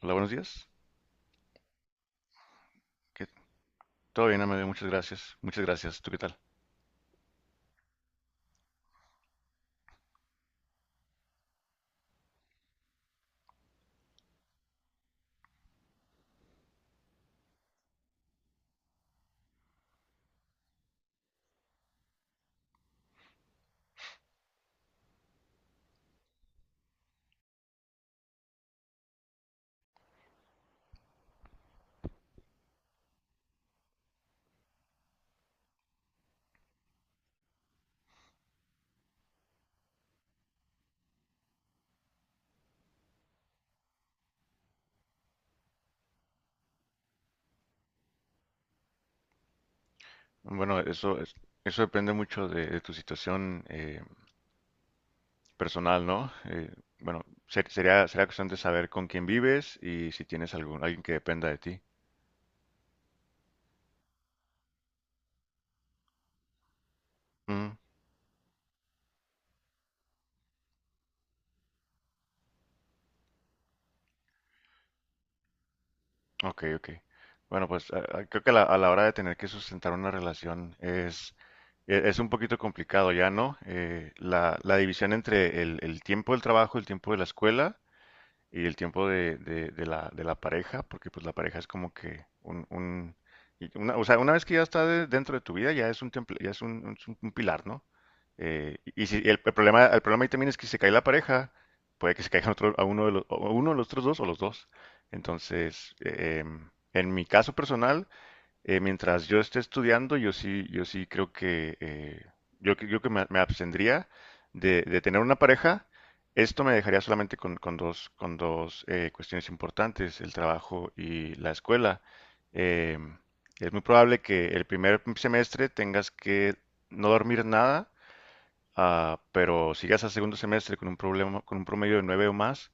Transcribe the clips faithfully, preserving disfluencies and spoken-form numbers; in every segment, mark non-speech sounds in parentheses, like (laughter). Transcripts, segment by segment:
Hola, buenos días. ¿Qué- Todo bien, Amelia, muchas gracias. Muchas gracias. ¿Tú qué tal? Bueno, eso, es- eso depende mucho de, de tu situación eh, personal, ¿no? Eh, bueno, ser- sería, sería cuestión de saber con quién vives y si tienes algún, alguien que dependa de ti. Mm, ok, ok. Bueno, pues a- a- creo que a la, a la hora de tener que sustentar una relación es, e- es un poquito complicado ya, ¿no? Eh, la, la división entre el, el tiempo del trabajo, el tiempo de la escuela y el tiempo de, de- de la, de la pareja, porque pues la pareja es como que un, un- y una, o sea, una vez que ya está de- dentro de tu vida, ya es un temple- ya es un, un- es un- un pilar, ¿no? Eh, y si el, el problema, el problema ahí también es que si se cae la pareja, puede que se caiga otro, a uno de los, a uno de los otros dos o los dos. Entonces, eh, em, en mi caso personal, eh, mientras yo esté estudiando, yo sí, yo sí creo que eh, yo, que- yo que me, me abstendría de, de tener una pareja. Esto me dejaría solamente con, con dos, con dos eh, cuestiones importantes, el trabajo y la escuela. Em, es muy probable que el primer semestre tengas que no dormir nada. Ah, pero si llegas al segundo semestre con un problema, con un promedio de nueve o más,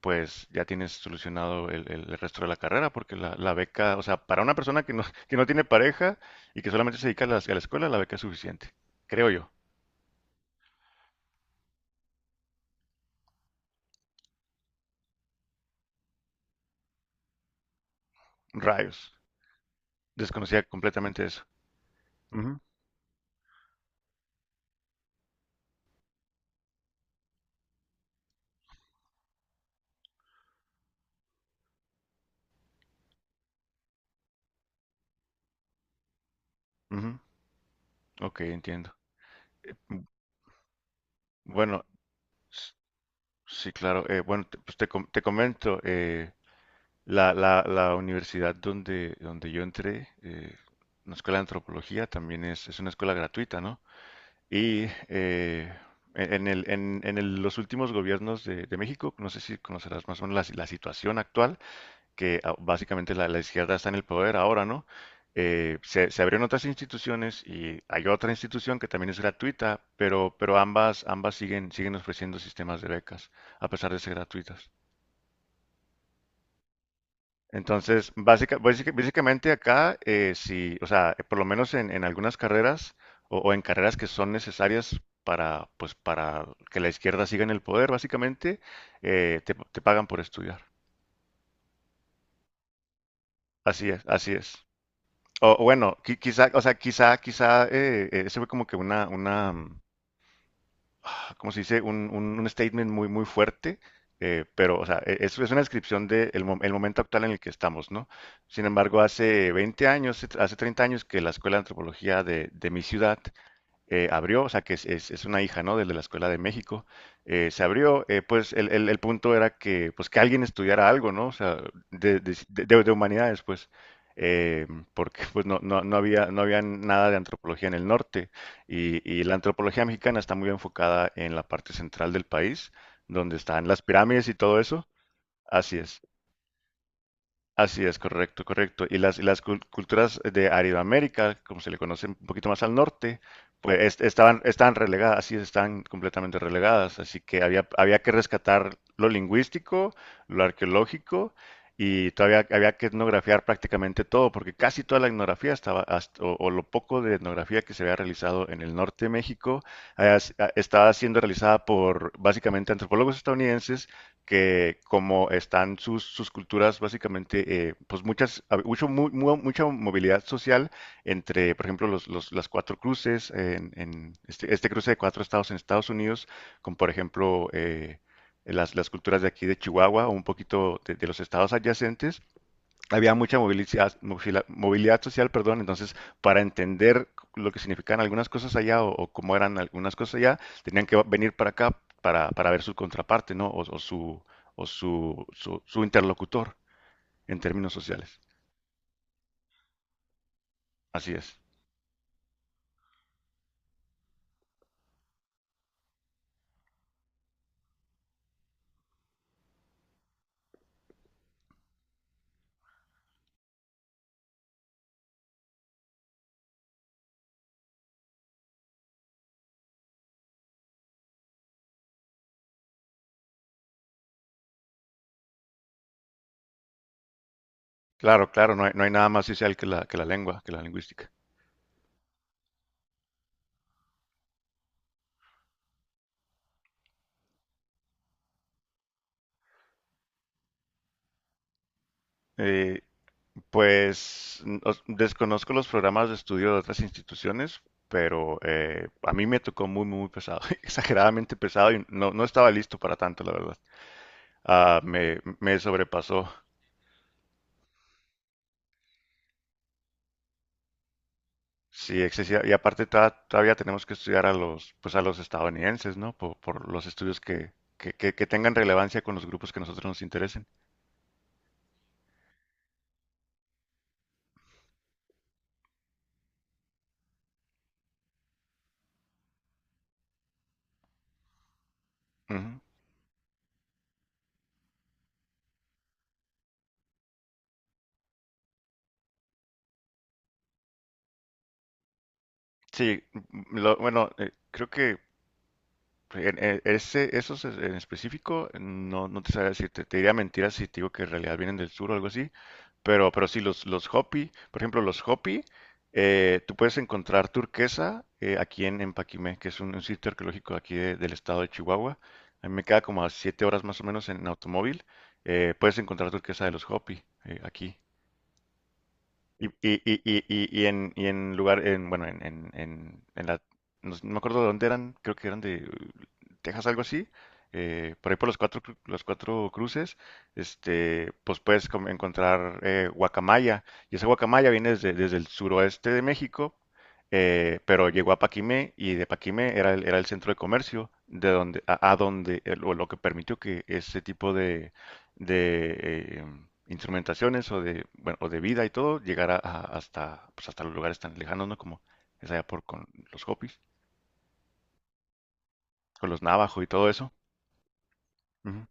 pues ya tienes solucionado el, el- el resto de la carrera, porque la, la beca, o sea, para una persona que no, (laughs) que no tiene pareja y que solamente se dedica a la, a la escuela, la beca es suficiente, creo yo. Rayos, desconocía completamente eso. Ujú, ujú, ok, entiendo. Mm, Bueno, s- sí, claro. Eh, bueno, te, pues te, com- te comento, eh, La, la, la universidad donde, donde yo entré, eh, una escuela de antropología, también es, es una escuela gratuita, ¿no? Y eh, en el, en, en el- los últimos gobiernos de, de México, no sé si conocerás más o menos la, la situación actual, que ah, básicamente la, la izquierda está en el poder ahora, ¿no? Eh, se, se abrieron otras instituciones y hay otra institución que también es gratuita, pero, pero ambas, ambas siguen, siguen ofreciendo sistemas de becas, a pesar de ser gratuitas. Entonces, básica- básica- básicamente acá, eh, si, o sea, eh, por lo menos en, en algunas carreras o, o en carreras que son necesarias para, pues, para que la izquierda siga en el poder, básicamente, eh, te, te pagan por estudiar. Así es, así es. O o bueno, qui- quizá, o sea, quizá, quizá, eh, eh, ese fue como que una, una, ¿cómo se dice? Un, un- un statement muy, muy fuerte, eh, pero, o sea, e- es, es una descripción del momento actual en el que estamos, ¿no? Sin embargo, hace veinte años, hace treinta años que la Escuela de Antropología de, de mi ciudad eh, abrió, o sea que es, es- es una hija, ¿no? Del De la Escuela de México, eh, se abrió, eh, pues el, el- el punto era que, pues que alguien estudiara algo, ¿no? O sea, de, de- de- de humanidades, pues, eh, porque pues no, no, no había, no había nada de antropología en el norte y, y la antropología mexicana está muy enfocada en la parte central del país, donde están las pirámides y todo eso, así es. Así es, correcto, correcto. Y las, y las cul- culturas de Aridoamérica, como se le conoce un poquito más al norte, pues est- estaban, estaban relegadas, así es, estaban completamente relegadas. Así que había, había que rescatar lo lingüístico, lo arqueológico, y todavía había que etnografiar prácticamente todo, porque casi toda la etnografía estaba, hasta- o, o lo poco de etnografía que se había realizado en el norte de México, había s- estaba siendo realizada por básicamente antropólogos estadounidenses que como están sus, sus culturas, básicamente, eh, pues muchas, a- mucho, mu- mu- mucha movilidad social entre, por ejemplo, los, los- las cuatro cruces, eh, en, en este, este cruce de cuatro estados en Estados Unidos, con, por ejemplo, eh, las, las culturas de aquí de Chihuahua o un poquito de, de los estados adyacentes, había mucha movilidad, movila- movilidad social, perdón, entonces para entender lo que significaban algunas cosas allá o, o cómo eran algunas cosas allá, tenían que venir para acá para, para ver su contraparte, ¿no? O, o su, o su, su, su interlocutor en términos sociales. Así es. Claro, claro, no hay, no hay nada más social que la, que la lengua, que la lingüística. Eh, Pues n- os- desconozco los programas de estudio de otras instituciones, pero eh, a mí me tocó muy, muy pesado, (laughs) exageradamente pesado y no, no estaba listo para tanto, la verdad. Ah, me, me sobrepasó. Sí, excesiva. Y aparte ta- todavía tenemos que estudiar a los, pues a los estadounidenses, ¿no? Por, por los estudios que, que, que- que tengan relevancia con los grupos que a nosotros nos interesen. Ujú. Sí, m- lo- bueno, eh, creo que En- en- ese, esos es- en específico, no, no te sabría decir, te, te diría mentiras si te digo que en realidad vienen del sur o algo así, pero, pero sí, los, los Hopi, por ejemplo, los Hopi, eh, tú puedes encontrar turquesa eh, aquí en, en Paquimé, que es un, un sitio arqueológico aquí de- del estado de Chihuahua. A mí me queda como a siete horas más o menos en automóvil, eh, puedes encontrar turquesa de los Hopi eh, aquí. Y, y, y, y, y- y en, y en lugar, en, bueno, en, en, en, en la, no, sé, no me acuerdo de dónde eran, creo que eran de eh, Texas, algo así, eh, por ahí por los cuatro, cru- los cuatro cruces, este, pues puedes com- encontrar eh, guacamaya, y esa guacamaya viene desde, desde el suroeste de México, eh, pero llegó a Paquimé, y de Paquimé era el, era el centro de comercio, de donde, a, a donde, eh, o lo que permitió que ese tipo de, de em, instrumentaciones o de, bueno, o de vida y todo, llegar a- a- hasta, pues, hasta los lugares tan lejanos, ¿no? Como es allá por con los Hopis, con los Navajo y todo eso. Ujú.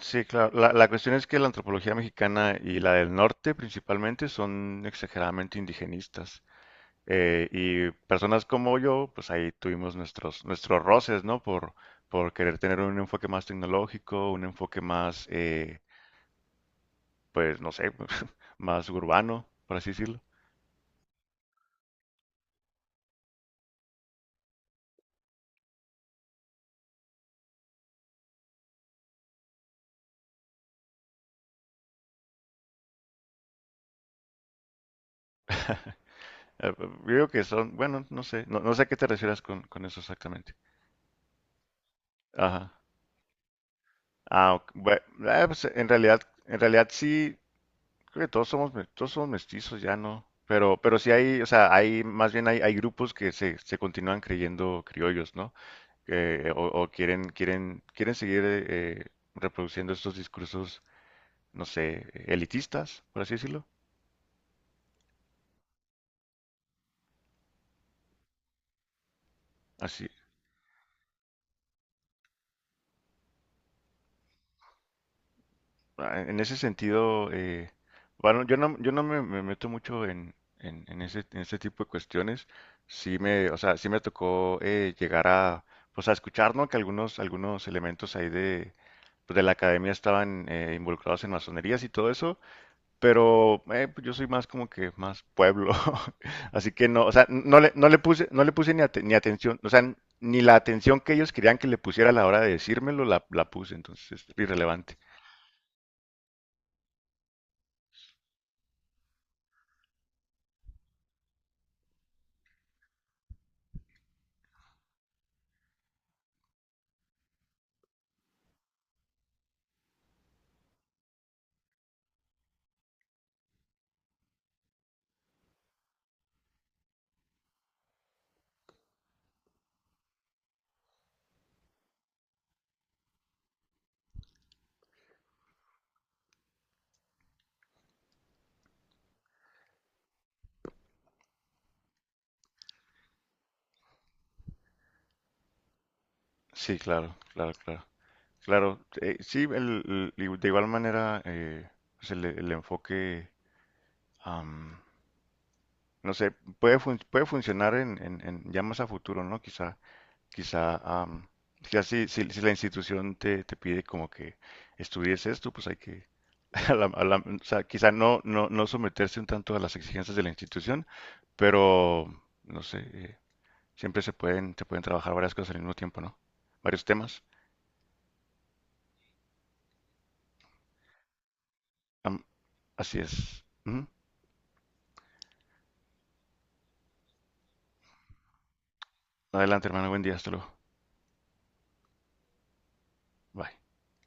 Sí, claro. La, la cuestión es que la antropología mexicana y la del norte principalmente son exageradamente indigenistas. Eh, y personas como yo, pues ahí tuvimos nuestros, nuestros roces, ¿no? Por, por querer tener un enfoque más tecnológico, un enfoque más, eh, pues no sé, (laughs) más urbano, por así decirlo. (laughs) Eh, creo que son, bueno, no sé, no, no sé a qué te refieras con, con eso exactamente. Ajá. Ah, ok, bue- eh, pues, en realidad, en realidad sí, creo que todos somos, me- todos somos mestizos, ya no. Pero, pero sí hay, o sea, hay, más bien hay, hay grupos que se, se continúan creyendo criollos, ¿no? Que- o, o quieren, quieren, quieren seguir eh, reproduciendo estos discursos, no sé, elitistas, por así decirlo. Así, ah, en ese sentido, eh, bueno, yo no, yo no me, me meto mucho en, en, en ese, en ese tipo de cuestiones. Sí me, o sea, sí me tocó eh, llegar a, pues a escuchar, ¿no? Que algunos, algunos elementos ahí de, pues, de la academia estaban eh, involucrados en masonerías y todo eso, pero eh, pues, yo soy más como que más pueblo, (laughs) así que no, o sea, no le, no le puse, no le puse ni, ate- ni atención, o sea, ni la atención que ellos querían que le pusiera a la hora de decírmelo la, la puse, entonces es irrelevante. Sí, claro, claro, claro. Claro, eh, sí, el- el- de igual manera, eh, pues el, el enfoque, am, no sé, puede, fun- puede funcionar en, en, en ya más a futuro, ¿no? Quizá, quizá, am, quizá si, si, si la institución te, te pide como que estudies esto, pues hay que, (laughs) a la- a la- o sea, quizá no, no, no someterse un tanto a las exigencias de la institución, pero, no sé, eh, siempre se pueden, se pueden trabajar varias cosas al mismo tiempo, ¿no? Varios temas. Así es. Ujú. Adelante, hermano. Buen día. Hasta luego. Bye.